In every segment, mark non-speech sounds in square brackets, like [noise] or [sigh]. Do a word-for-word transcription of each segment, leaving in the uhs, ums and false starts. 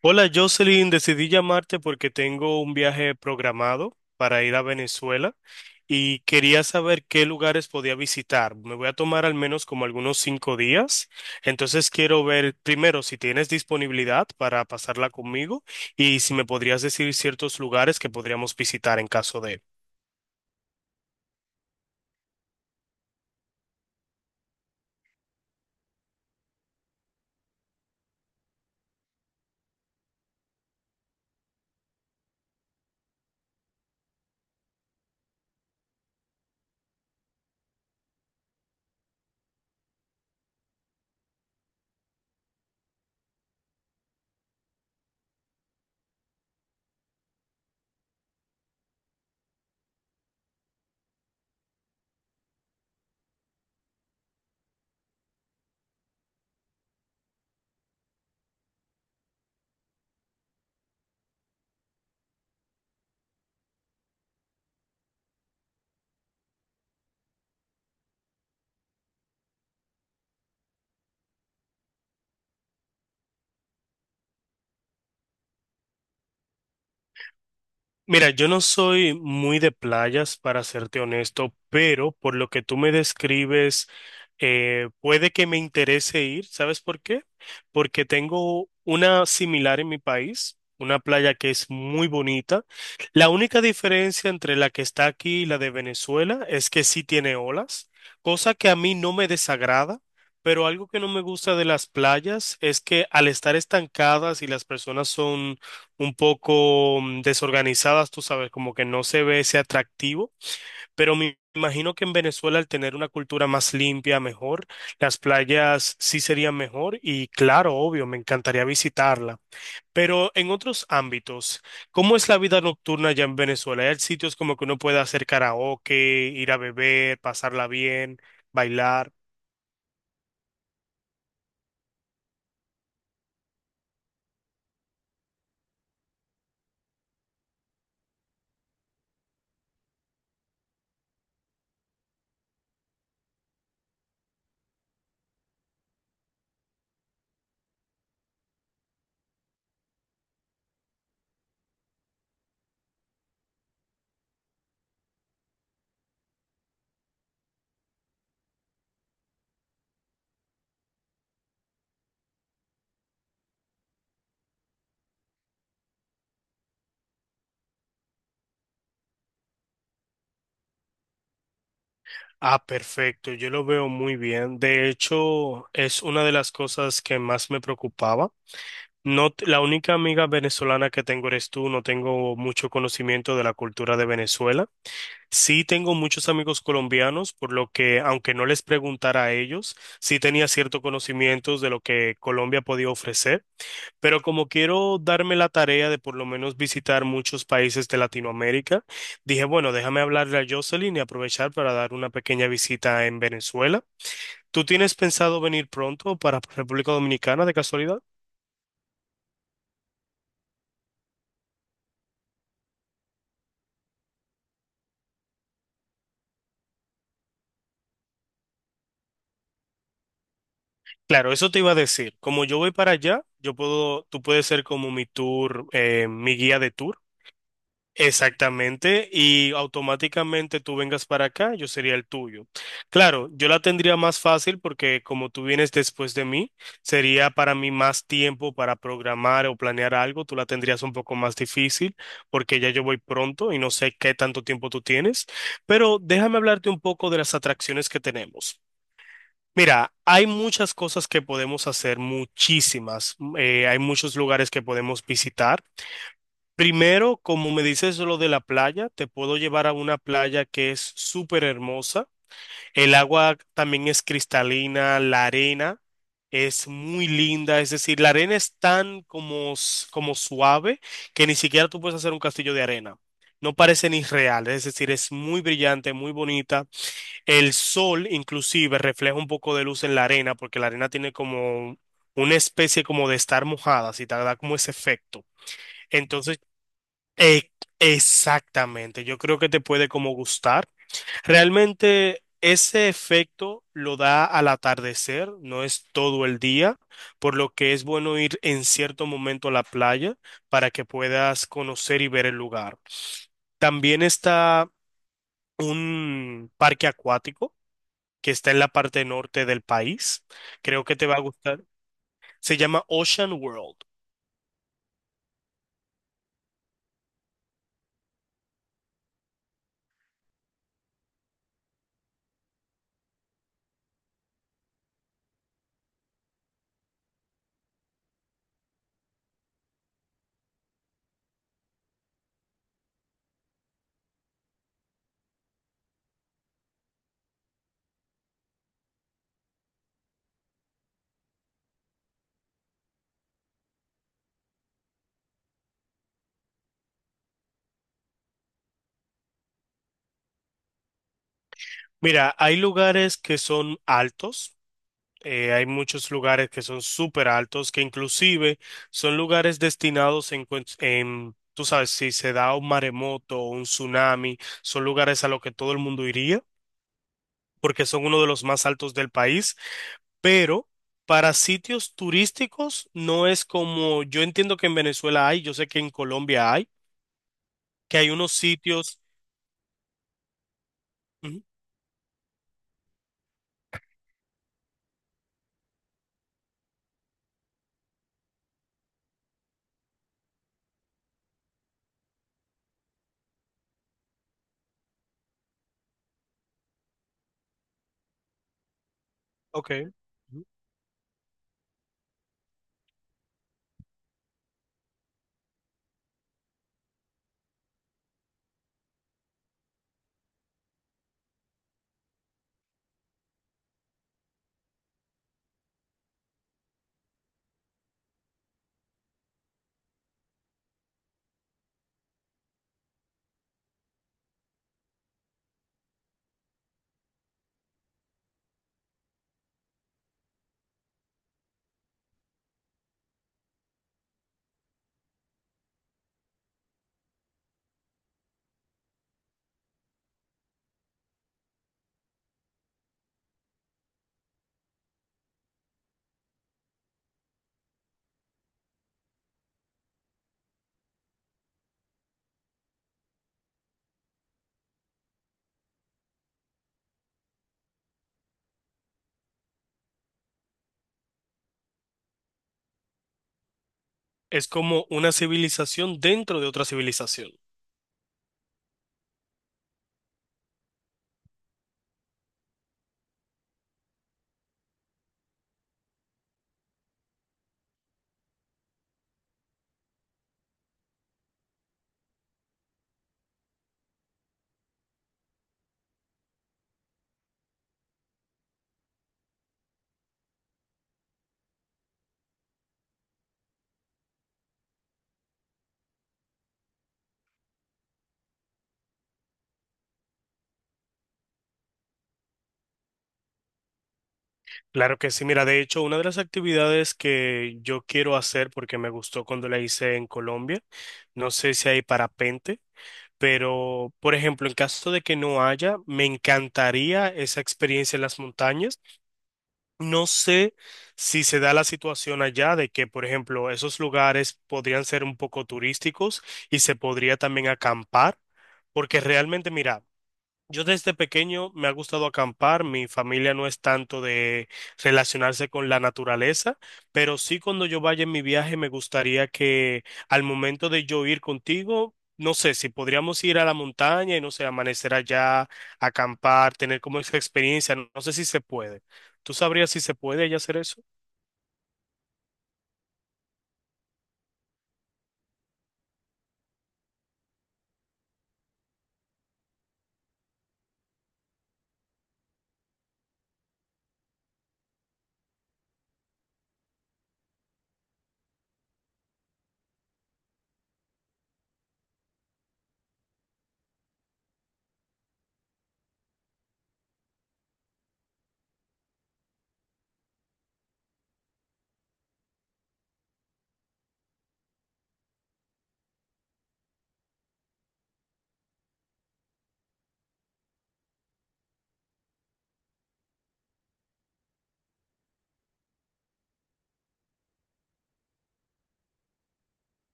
Hola Jocelyn, decidí llamarte porque tengo un viaje programado para ir a Venezuela y quería saber qué lugares podía visitar. Me voy a tomar al menos como algunos cinco días, entonces quiero ver primero si tienes disponibilidad para pasarla conmigo y si me podrías decir ciertos lugares que podríamos visitar en caso de... Mira, yo no soy muy de playas, para serte honesto, pero por lo que tú me describes eh, puede que me interese ir, ¿sabes por qué? Porque tengo una similar en mi país, una playa que es muy bonita. La única diferencia entre la que está aquí y la de Venezuela es que sí tiene olas, cosa que a mí no me desagrada, pero algo que no me gusta de las playas es que al estar estancadas y las personas son un poco mm, desorganizadas, tú sabes, como que no se ve ese atractivo. Pero me imagino que en Venezuela, al tener una cultura más limpia, mejor, las playas sí serían mejor y claro, obvio, me encantaría visitarla. Pero en otros ámbitos, ¿cómo es la vida nocturna allá en Venezuela? ¿Hay sitios como que uno puede hacer karaoke, ir a beber, pasarla bien, bailar? Ah, perfecto, yo lo veo muy bien. De hecho, es una de las cosas que más me preocupaba. No, t- la única amiga venezolana que tengo eres tú, no tengo mucho conocimiento de la cultura de Venezuela. Sí tengo muchos amigos colombianos, por lo que, aunque no les preguntara a ellos, sí tenía cierto conocimiento de lo que Colombia podía ofrecer. Pero como quiero darme la tarea de por lo menos visitar muchos países de Latinoamérica, dije, bueno, déjame hablarle a Jocelyn y aprovechar para dar una pequeña visita en Venezuela. ¿Tú tienes pensado venir pronto para República Dominicana de casualidad? Claro, eso te iba a decir. Como yo voy para allá, yo puedo, tú puedes ser como mi tour, eh, mi guía de tour. Exactamente, y automáticamente tú vengas para acá, yo sería el tuyo. Claro, yo la tendría más fácil porque como tú vienes después de mí, sería para mí más tiempo para programar o planear algo, tú la tendrías un poco más difícil porque ya yo voy pronto y no sé qué tanto tiempo tú tienes, pero déjame hablarte un poco de las atracciones que tenemos. Mira, hay muchas cosas que podemos hacer, muchísimas. eh, Hay muchos lugares que podemos visitar. Primero, como me dices lo de la playa, te puedo llevar a una playa que es súper hermosa. El agua también es cristalina, la arena es muy linda, es decir, la arena es tan como, s- como suave que ni siquiera tú puedes hacer un castillo de arena. No parece ni real, es decir, es muy brillante, muy bonita. El sol inclusive refleja un poco de luz en la arena porque la arena tiene como una especie como de estar mojada, si te da como ese efecto. Entonces e- exactamente, yo creo que te puede como gustar. Realmente ese efecto lo da al atardecer, no es todo el día, por lo que es bueno ir en cierto momento a la playa para que puedas conocer y ver el lugar. También está un parque acuático que está en la parte norte del país. Creo que te va a gustar. Se llama Ocean World. Mira, hay lugares que son altos. Eh, hay muchos lugares que son súper altos, que inclusive son lugares destinados en, cuen- en, tú sabes, si se da un maremoto o un tsunami, son lugares a los que todo el mundo iría, porque son uno de los más altos del país, pero para sitios turísticos no es como, yo entiendo que en Venezuela hay, yo sé que en Colombia hay, que hay unos sitios. Ujú. Ok. Ujú. Es como una civilización dentro de otra civilización. Claro que sí, mira, de hecho, una de las actividades que yo quiero hacer porque me gustó cuando la hice en Colombia, no sé si hay parapente, pero por ejemplo, en caso de que no haya, me encantaría esa experiencia en las montañas. No sé si se da la situación allá de que, por ejemplo, esos lugares podrían ser un poco turísticos y se podría también acampar, porque realmente, mira, yo desde pequeño me ha gustado acampar, mi familia no es tanto de relacionarse con la naturaleza, pero sí cuando yo vaya en mi viaje me gustaría que al momento de yo ir contigo, no sé, si podríamos ir a la montaña y no sé, amanecer allá, acampar, tener como esa experiencia, no no sé si se puede. ¿Tú sabrías si se puede ya hacer eso?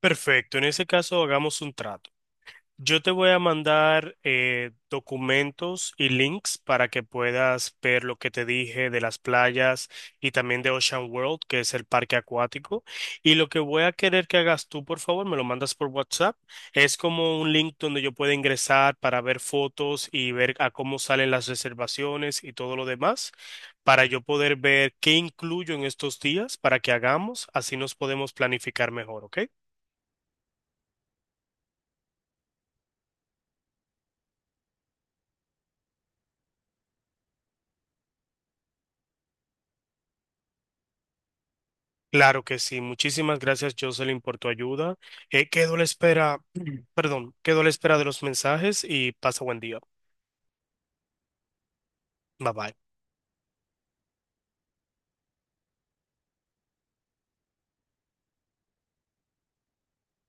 Perfecto, en ese caso hagamos un trato. Yo te voy a mandar eh, documentos y links para que puedas ver lo que te dije de las playas y también de Ocean World, que es el parque acuático. Y lo que voy a querer que hagas tú, por favor, me lo mandas por WhatsApp. Es como un link donde yo pueda ingresar para ver fotos y ver a cómo salen las reservaciones y todo lo demás, para yo poder ver qué incluyo en estos días para que hagamos, así nos podemos planificar mejor, ¿ok? Claro que sí. Muchísimas gracias, Jocelyn, por tu ayuda. Eh, quedo a la espera, [clears throat] perdón, quedo a la espera de los mensajes y pasa buen día. Bye bye.